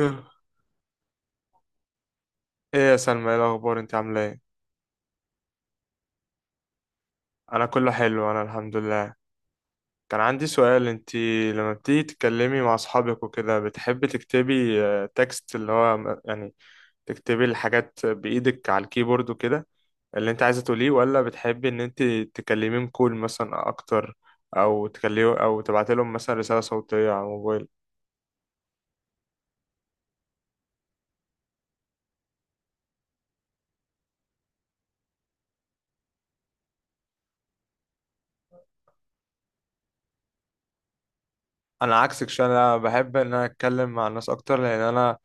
ايه، يا سلمى ايه الاخبار؟ انت عامله ايه؟ انا كله حلو، انا الحمد لله. كان عندي سؤال. لما بتيجي تتكلمي مع اصحابك وكده، بتحبي تكتبي تكست يعني تكتبي الحاجات بايدك على الكيبورد وكده اللي انت عايزه تقوليه، ولا بتحبي ان انت تكلميهم كول مثلا اكتر، او تكلمي او تبعتي لهم مثلا رساله صوتيه على الموبايل؟ عكسك شويه، بحب ان انا اتكلم مع الناس اكتر، لان انا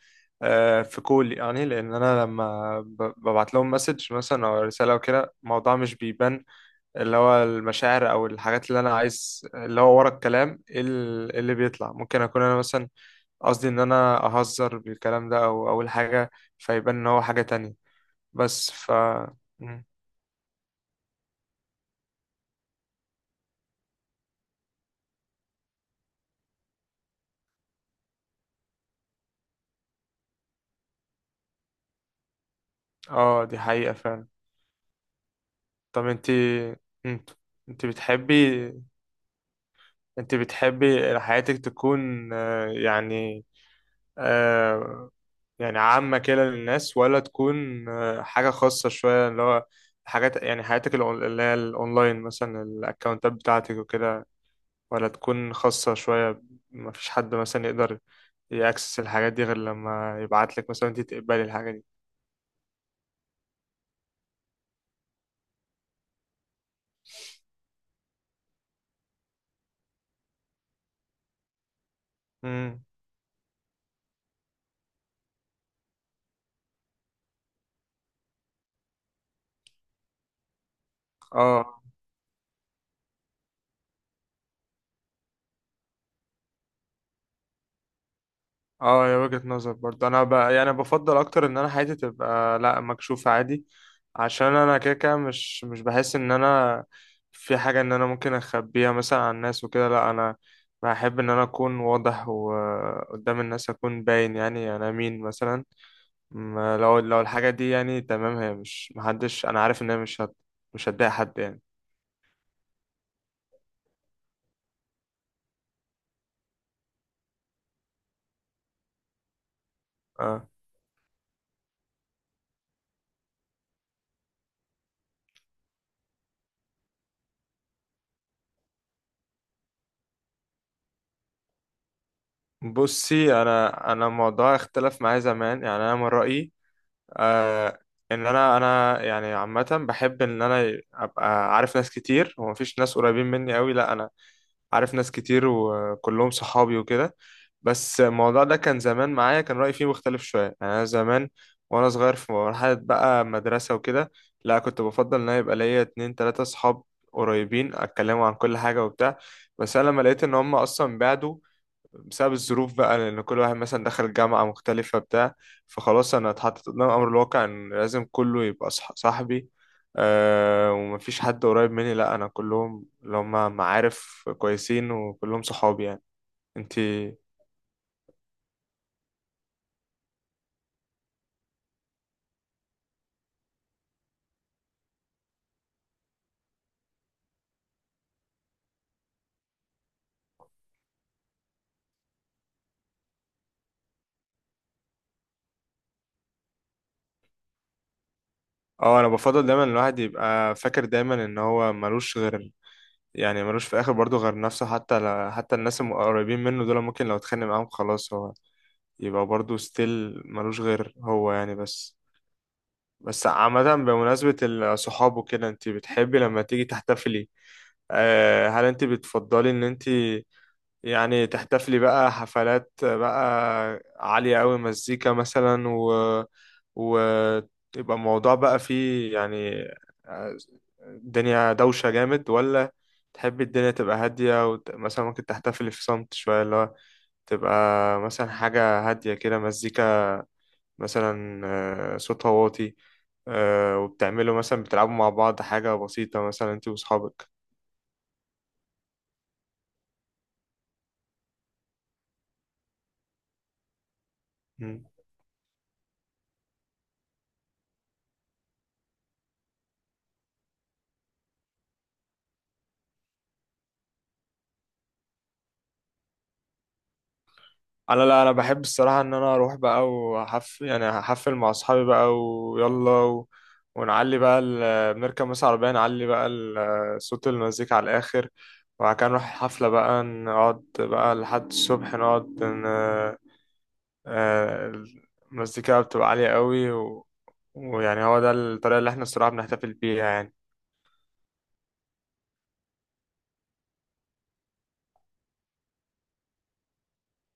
آه، في كول. يعني لان لما ببعت لهم مسج مثلا او رساله او كده، الموضوع مش بيبان، اللي هو المشاعر او الحاجات اللي انا عايز اللي هو ورا الكلام إيه اللي بيطلع. ممكن اكون انا مثلا قصدي ان انا اهزر بالكلام ده او اقول حاجه فيبان ان هو حاجه تانية. بس ف م. اه دي حقيقه فعلا. طب انت انت بتحبي انت بتحبي حياتك تكون آه، يعني عامة كده للناس، ولا تكون حاجة خاصة شوية، اللي هو حاجات يعني حياتك الأون- اللي هي الأونلاين مثلا، الأكونتات بتاعتك وكده، ولا تكون خاصة شوية مفيش حد مثلا يقدر يأكسس الحاجات دي غير لما يبعتلك مثلا انت تقبلي الحاجة دي؟ مم. اه، اه يا وجهة نظر برضه. انا يعني بفضل اكتر ان انا حياتي تبقى لا مكشوفة عادي، عشان انا كده كده مش بحس ان انا في حاجة ان انا ممكن اخبيها مثلا عن الناس وكده. لا انا بحب ان انا اكون واضح، وقدام الناس اكون باين يعني انا مين مثلا. ما لو لو الحاجة دي يعني تمام، هي مش، محدش، انا عارف ان هي مش هت... مش هتضايق حد يعني. اه، بصي، انا الموضوع اختلف معايا زمان. يعني انا من رأيي آه ان انا يعني عامه بحب ان انا ابقى عارف ناس كتير. هو مفيش ناس قريبين مني قوي، لا انا عارف ناس كتير وكلهم صحابي وكده. بس الموضوع ده كان زمان معايا كان رايي فيه مختلف شويه. يعني انا زمان وانا صغير في مرحله بقى مدرسه وكده، لا كنت بفضل ان انا يبقى ليا اتنين تلاته صحاب قريبين اتكلموا عن كل حاجه وبتاع. بس انا لما لقيت ان هم اصلا بعدوا بسبب الظروف بقى، لأن كل واحد مثلا دخل جامعة مختلفة بتاع فخلاص أنا اتحطيت قدام أمر الواقع إن لازم كله يبقى صح صاحبي. أه، ومفيش حد قريب مني، لأ، أنا كلهم اللي هم معارف كويسين وكلهم صحابي يعني. انتي؟ اه، أنا بفضل دايما الواحد يبقى فاكر دايما إن هو ملوش غير، يعني ملوش في الآخر برضه غير نفسه. حتى الناس القريبين منه دول ممكن لو اتخانق معاهم خلاص، هو يبقى برضه ستيل ملوش غير هو يعني. بس، بس عامة بمناسبة الصحاب وكده، انت بتحبي لما تيجي تحتفلي، هل انت بتفضلي ان انت يعني تحتفلي بقى حفلات بقى عالية قوي، مزيكا مثلا، و ويبقى الموضوع بقى فيه يعني آه، الدنيا دوشة جامد؟ ولا تحبي الدنيا تبقى هادية، ومثلا ممكن تحتفلي في صمت شوية، اللي هو تبقى مثلا حاجة هادية كده، مزيكا مثلا صوت واطي، وبتعملوا مثلا بتلعبوا مع بعض حاجة بسيطة مثلا، انت واصحابك؟ مم. انا لا، انا بحب الصراحة ان انا اروح بقى وحف يعني هحفل مع اصحابي بقى ويلا، ونعلي بقى. بنركب مثلا عربية نعلي بقى صوت المزيكا على الاخر، وبعد كده نروح الحفلة بقى، نقعد بقى لحد الصبح، نقعد ن... آه، المزيكا بتبقى عالية قوي، و... ويعني هو ده الطريقة اللي احنا الصراحة بنحتفل بيها يعني.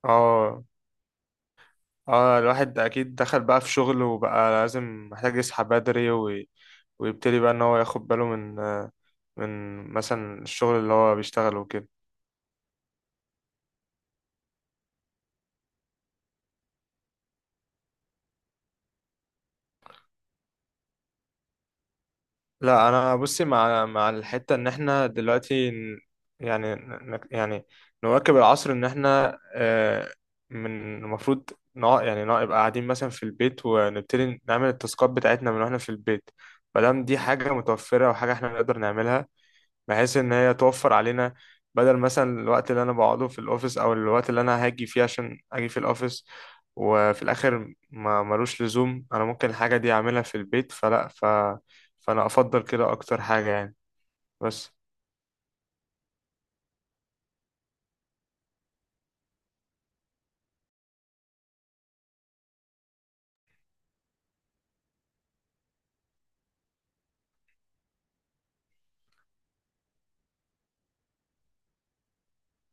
اه، اه، الواحد اكيد دخل بقى في شغل، وبقى لازم محتاج يصحى بدري ويبتدي بقى ان هو ياخد باله من من مثلا الشغل اللي هو بيشتغله وكده. لا انا، بصي، مع الحتة ان احنا دلوقتي يعني ن- نك- يعني نواكب العصر، ان احنا من المفروض نبقى قاعدين مثلا في البيت ونبتدي نعمل التاسكات بتاعتنا من واحنا في البيت، مادام دي حاجة متوفرة وحاجة احنا نقدر نعملها، بحيث ان هي توفر علينا بدل مثلا الوقت اللي انا بقعده في الاوفيس، او الوقت اللي انا هاجي فيه عشان اجي في الاوفيس، وفي الاخر ما ملوش لزوم. انا ممكن الحاجة دي اعملها في البيت، فانا افضل كده اكتر حاجة يعني. بس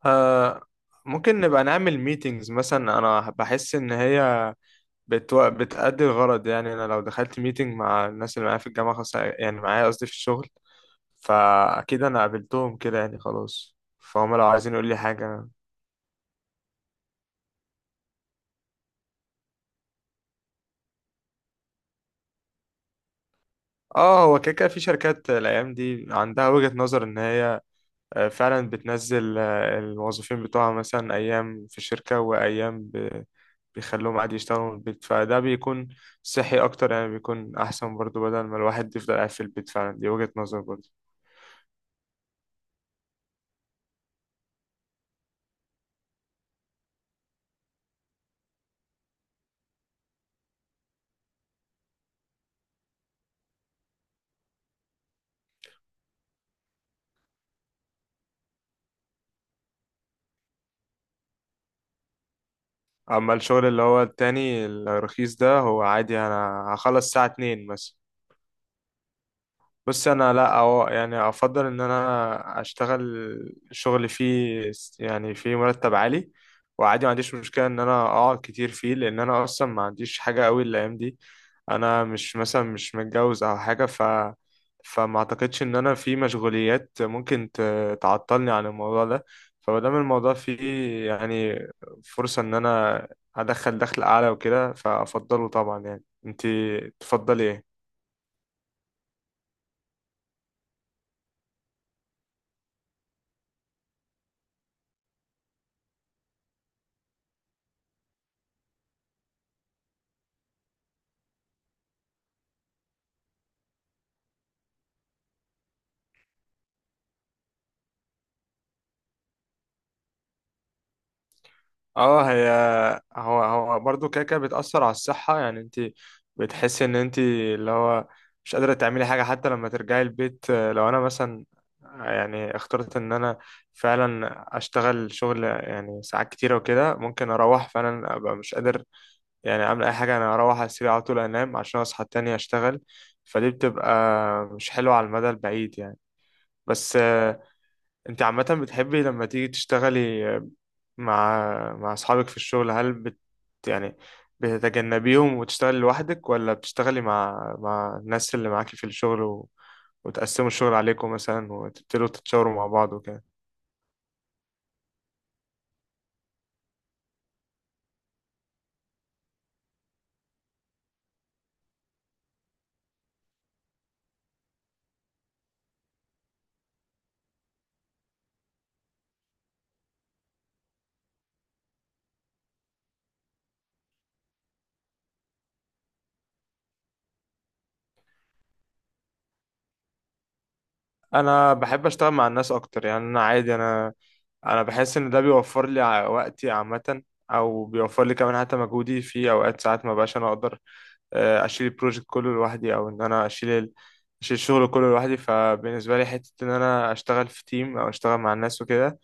آه ممكن نبقى نعمل ميتينجز مثلا. انا بحس ان هي بتأدي الغرض. يعني انا لو دخلت ميتينج مع الناس اللي معايا في الجامعة، خاصة يعني معايا قصدي في الشغل، فاكيد انا قابلتهم كده يعني، خلاص فهم لو عايزين يقول لي حاجة. اه، هو كده كده في شركات الايام دي عندها وجهة نظر ان هي فعلا بتنزل الموظفين بتوعها مثلا ايام في الشركة وايام بيخلوهم عادي يشتغلوا من البيت، فده بيكون صحي اكتر يعني، بيكون احسن برضو بدل ما الواحد يفضل قاعد في البيت فعلا. دي وجهة نظر برضو. اما الشغل اللي هو التاني الرخيص ده، هو عادي انا هخلص الساعة 2 مثلا. بس انا لا، أو يعني افضل ان انا اشتغل شغل فيه فيه مرتب عالي، وعادي ما عنديش مشكله ان انا اقعد كتير فيه، لان انا اصلا ما عنديش حاجه قوي الايام دي. انا مش مثلا مش متجوز او حاجه، فما اعتقدش ان انا في مشغوليات ممكن تعطلني عن الموضوع ده. فمادام الموضوع فيه يعني فرصه ان انا ادخل دخل اعلى وكده، فافضله طبعا يعني. انت تفضلي ايه؟ اه، هي هو هو برضو كده كده بتأثر على الصحة يعني. انت بتحسي ان انت اللي هو مش قادرة تعملي حاجة حتى لما ترجعي البيت. لو انا مثلا يعني اخترت ان انا فعلا اشتغل شغل يعني ساعات كتيرة وكده، ممكن اروح فعلا ابقى مش قادر يعني اعمل اي حاجة، انا اروح على السرير على طول انام عشان اصحى تاني اشتغل. فدي بتبقى مش حلوة على المدى البعيد يعني. بس انت عامة بتحبي لما تيجي تشتغلي مع اصحابك في الشغل؟ هل بت يعني بتتجنبيهم وتشتغلي لوحدك، ولا بتشتغلي مع الناس اللي معاكي في الشغل، وتقسموا الشغل عليكم مثلا، وتبتدوا تتشاوروا مع بعض وكده؟ انا بحب اشتغل مع الناس اكتر يعني. انا عادي انا انا بحس ان ده بيوفر لي وقتي عامه، او بيوفر لي كمان حتى مجهودي في اوقات. ساعات ما بقاش انا اقدر اشيل البروجكت كله لوحدي، او ان انا اشيل الشغل كله لوحدي. فبالنسبه لي حته ان انا اشتغل في تيم او اشتغل مع الناس وكده،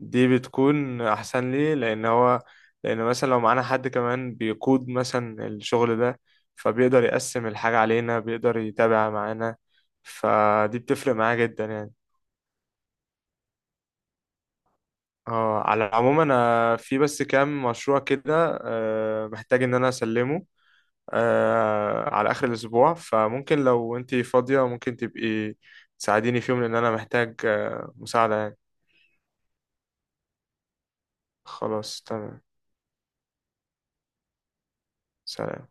دي بتكون احسن لي، لان هو، لان مثلا لو معانا حد كمان بيقود مثلا الشغل ده، فبيقدر يقسم الحاجة علينا، بيقدر يتابع معانا، فدي بتفرق معاه جدا يعني. اه، على العموم انا في بس كام مشروع كده محتاج ان انا اسلمه على اخر الاسبوع، فممكن لو انتي فاضية ممكن تبقي تساعديني فيهم، لان انا محتاج مساعدة يعني. خلاص تمام. سلام.